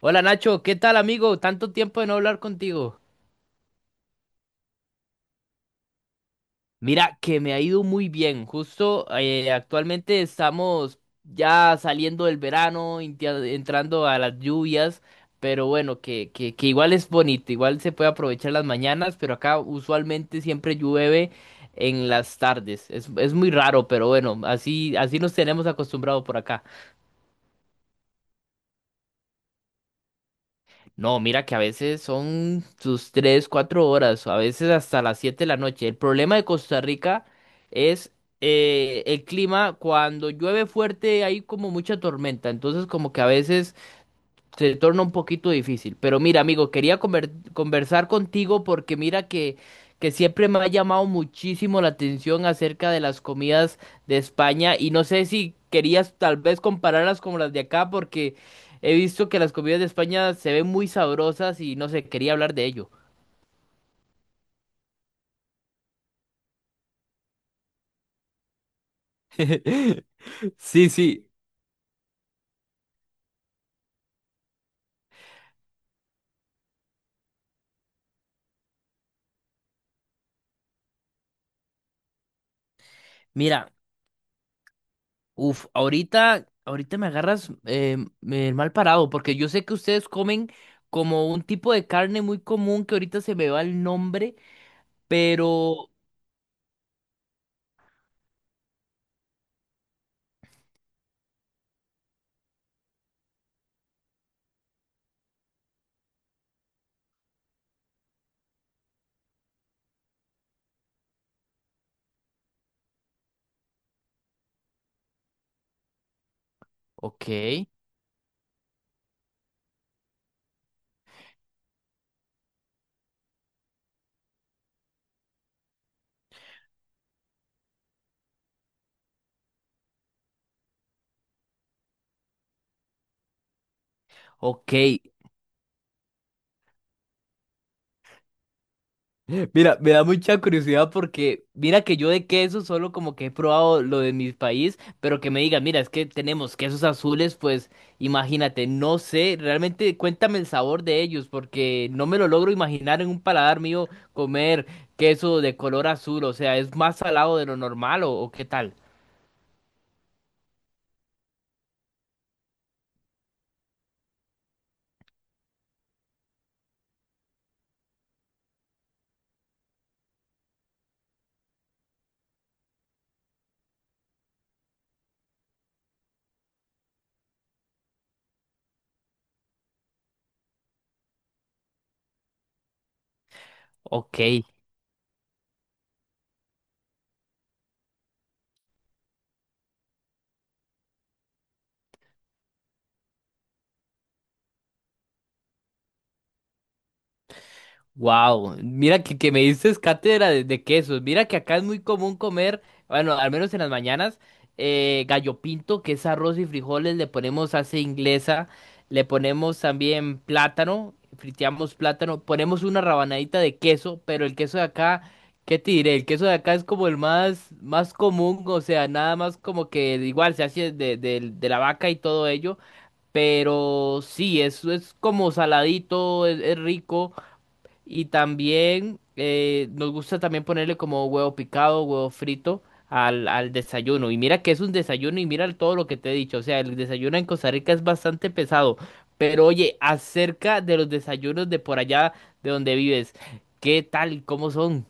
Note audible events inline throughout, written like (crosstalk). Hola Nacho, ¿qué tal amigo? Tanto tiempo de no hablar contigo. Mira, que me ha ido muy bien. Justo actualmente estamos ya saliendo del verano, entrando a las lluvias, pero bueno, que igual es bonito, igual se puede aprovechar las mañanas, pero acá usualmente siempre llueve en las tardes. Es muy raro, pero bueno, así nos tenemos acostumbrados por acá. No, mira que a veces son sus 3, 4 horas, a veces hasta las 7 de la noche. El problema de Costa Rica es el clima, cuando llueve fuerte hay como mucha tormenta, entonces como que a veces se torna un poquito difícil. Pero mira, amigo, quería conversar contigo porque mira que siempre me ha llamado muchísimo la atención acerca de las comidas de España y no sé si querías tal vez compararlas con las de acá porque he visto que las comidas de España se ven muy sabrosas y no sé, quería hablar de ello. (laughs) Sí, sí. Mira. Uf, ahorita me agarras mal parado, porque yo sé que ustedes comen como un tipo de carne muy común que ahorita se me va el nombre, pero... Ok, ok. Mira, me da mucha curiosidad porque mira que yo de queso solo como que he probado lo de mi país, pero que me digan, mira, es que tenemos quesos azules, pues imagínate, no sé, realmente cuéntame el sabor de ellos porque no me lo logro imaginar en un paladar mío comer queso de color azul, o sea, es más salado de lo normal o qué tal. Ok. Wow, mira que me dices cátedra de quesos. Mira que acá es muy común comer, bueno, al menos en las mañanas, gallo pinto, que es arroz y frijoles, le ponemos salsa inglesa, le ponemos también plátano, friteamos plátano, ponemos una rabanadita de queso, pero el queso de acá, ¿qué te diré? El queso de acá es como el más común, o sea, nada más como que igual se hace de, de la vaca y todo ello, pero sí, es como saladito, es rico. Y también nos gusta también ponerle como huevo picado, huevo frito al desayuno. Y mira que es un desayuno y mira todo lo que te he dicho. O sea, el desayuno en Costa Rica es bastante pesado. Pero oye, acerca de los desayunos de por allá de donde vives, ¿qué tal? ¿Cómo son?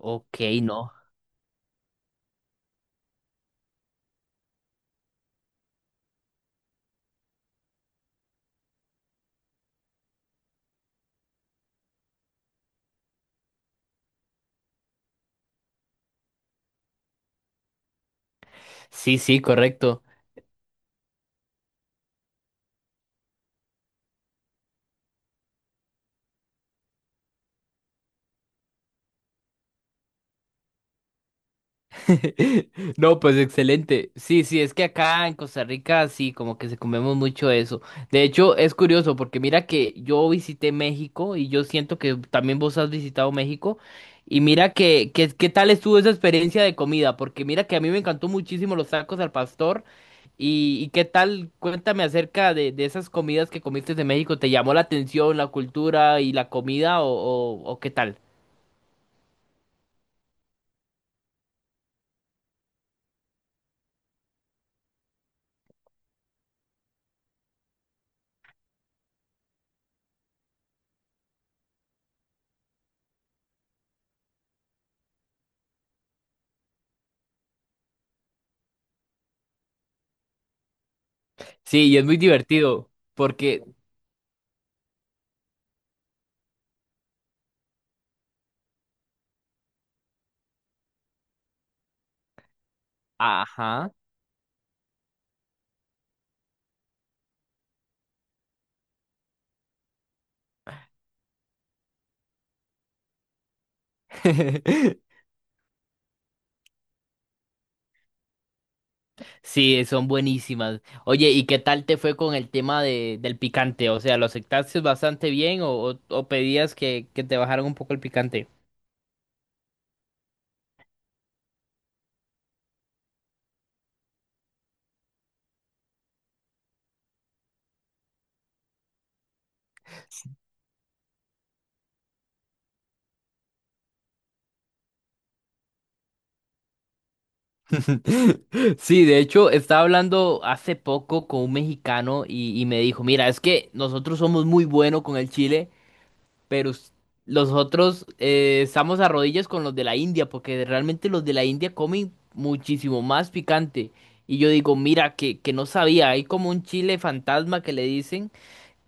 Ok, no. Sí, sí, correcto. (laughs) No, pues excelente. Sí, sí, es que acá en Costa Rica sí, como que se comemos mucho eso. De hecho, es curioso porque mira que yo visité México y yo siento que también vos has visitado México y mira que qué tal estuvo esa experiencia de comida, porque mira que a mí me encantó muchísimo los tacos al pastor y qué tal, cuéntame acerca de esas comidas que comiste de México, ¿te llamó la atención la cultura y la comida o, o qué tal? Sí, y es muy divertido porque, ajá. (laughs) Sí, son buenísimas. Oye, ¿y qué tal te fue con el tema de, del picante? O sea, ¿lo aceptaste bastante bien o, o pedías que te bajaran un poco el picante? (laughs) Sí, de hecho, estaba hablando hace poco con un mexicano y me dijo, mira, es que nosotros somos muy buenos con el chile. Pero los otros estamos a rodillas con los de la India, porque realmente los de la India comen muchísimo más picante. Y yo digo, mira, que no sabía, hay como un chile fantasma que le dicen,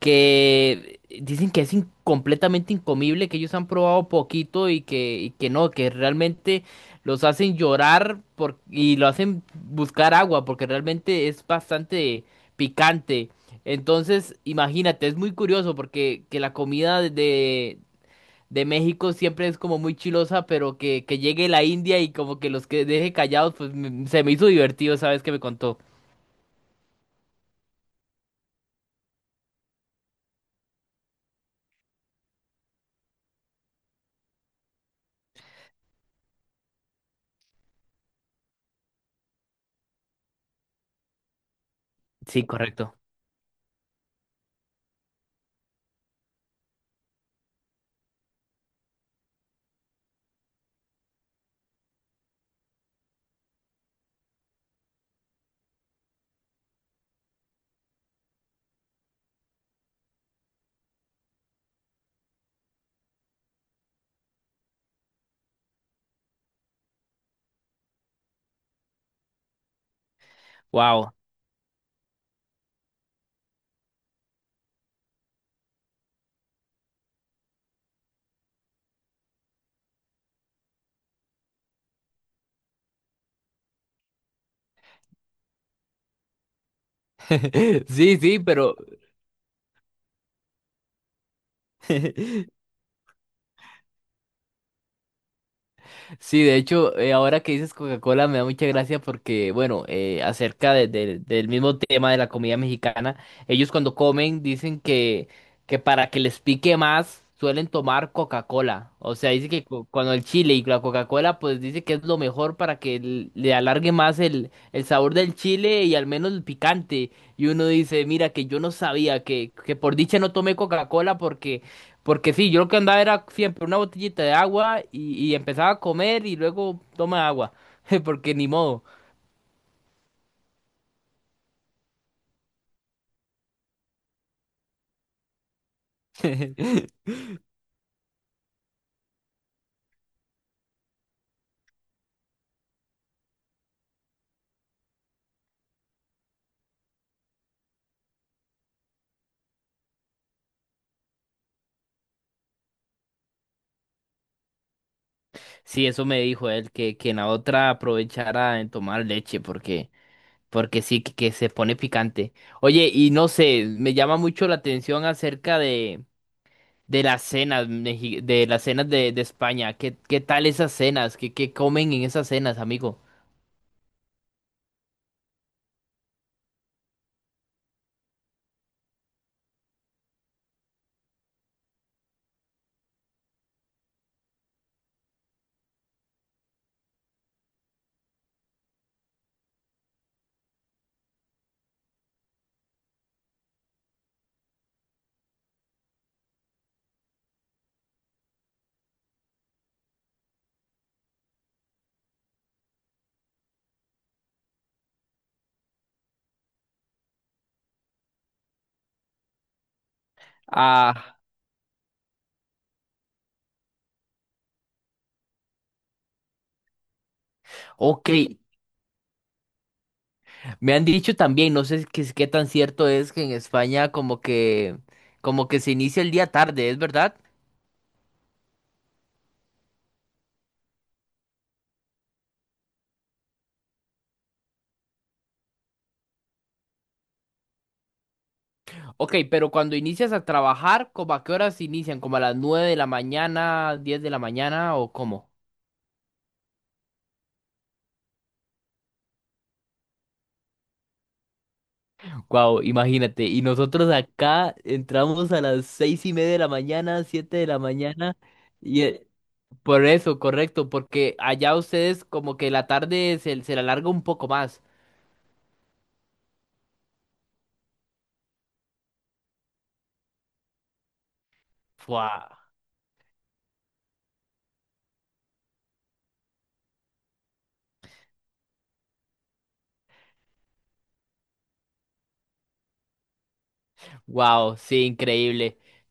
que dicen que es completamente incomible, que ellos han probado poquito y que no, que realmente los hacen llorar y lo hacen buscar agua, porque realmente es bastante picante. Entonces, imagínate, es muy curioso porque que la comida de México siempre es como muy chilosa, pero que llegue la India y como que los que deje callados, pues se me hizo divertido, ¿sabes que me contó? Sí, correcto. Wow. (laughs) Sí, sí, pero (laughs) Sí, de hecho, ahora que dices Coca-Cola me da mucha gracia porque, bueno, acerca del mismo tema de la comida mexicana, ellos cuando comen dicen que para que les pique más suelen tomar Coca-Cola. O sea, dice que cuando el chile y la Coca-Cola, pues dice que es lo mejor para que le alargue más el sabor del chile y al menos el picante. Y uno dice, mira, que, yo no sabía que por dicha no tomé Coca-Cola porque... Porque sí, yo lo que andaba era siempre una botellita de agua y empezaba a comer y luego toma agua. (laughs) Porque ni modo. (laughs) Sí, eso me dijo él, que en la otra aprovechara en tomar leche, porque, porque sí, que se pone picante. Oye, y no sé, me llama mucho la atención acerca de las cenas, de las cenas de España. ¿Qué tal esas cenas? ¿Qué comen en esas cenas, amigo? Ah, ok. Me han dicho también, no sé qué, qué tan cierto es que en España como que se inicia el día tarde, ¿es verdad? Ok, pero cuando inicias a trabajar, ¿como a qué horas inician? ¿Como a las 9 de la mañana, 10 de la mañana o cómo? Wow, imagínate. Y nosotros acá entramos a las 6:30 de la mañana, 7 de la mañana. Y por eso, correcto, porque allá ustedes como que la tarde se, se la alarga un poco más. Wow, wow, sí, increíble.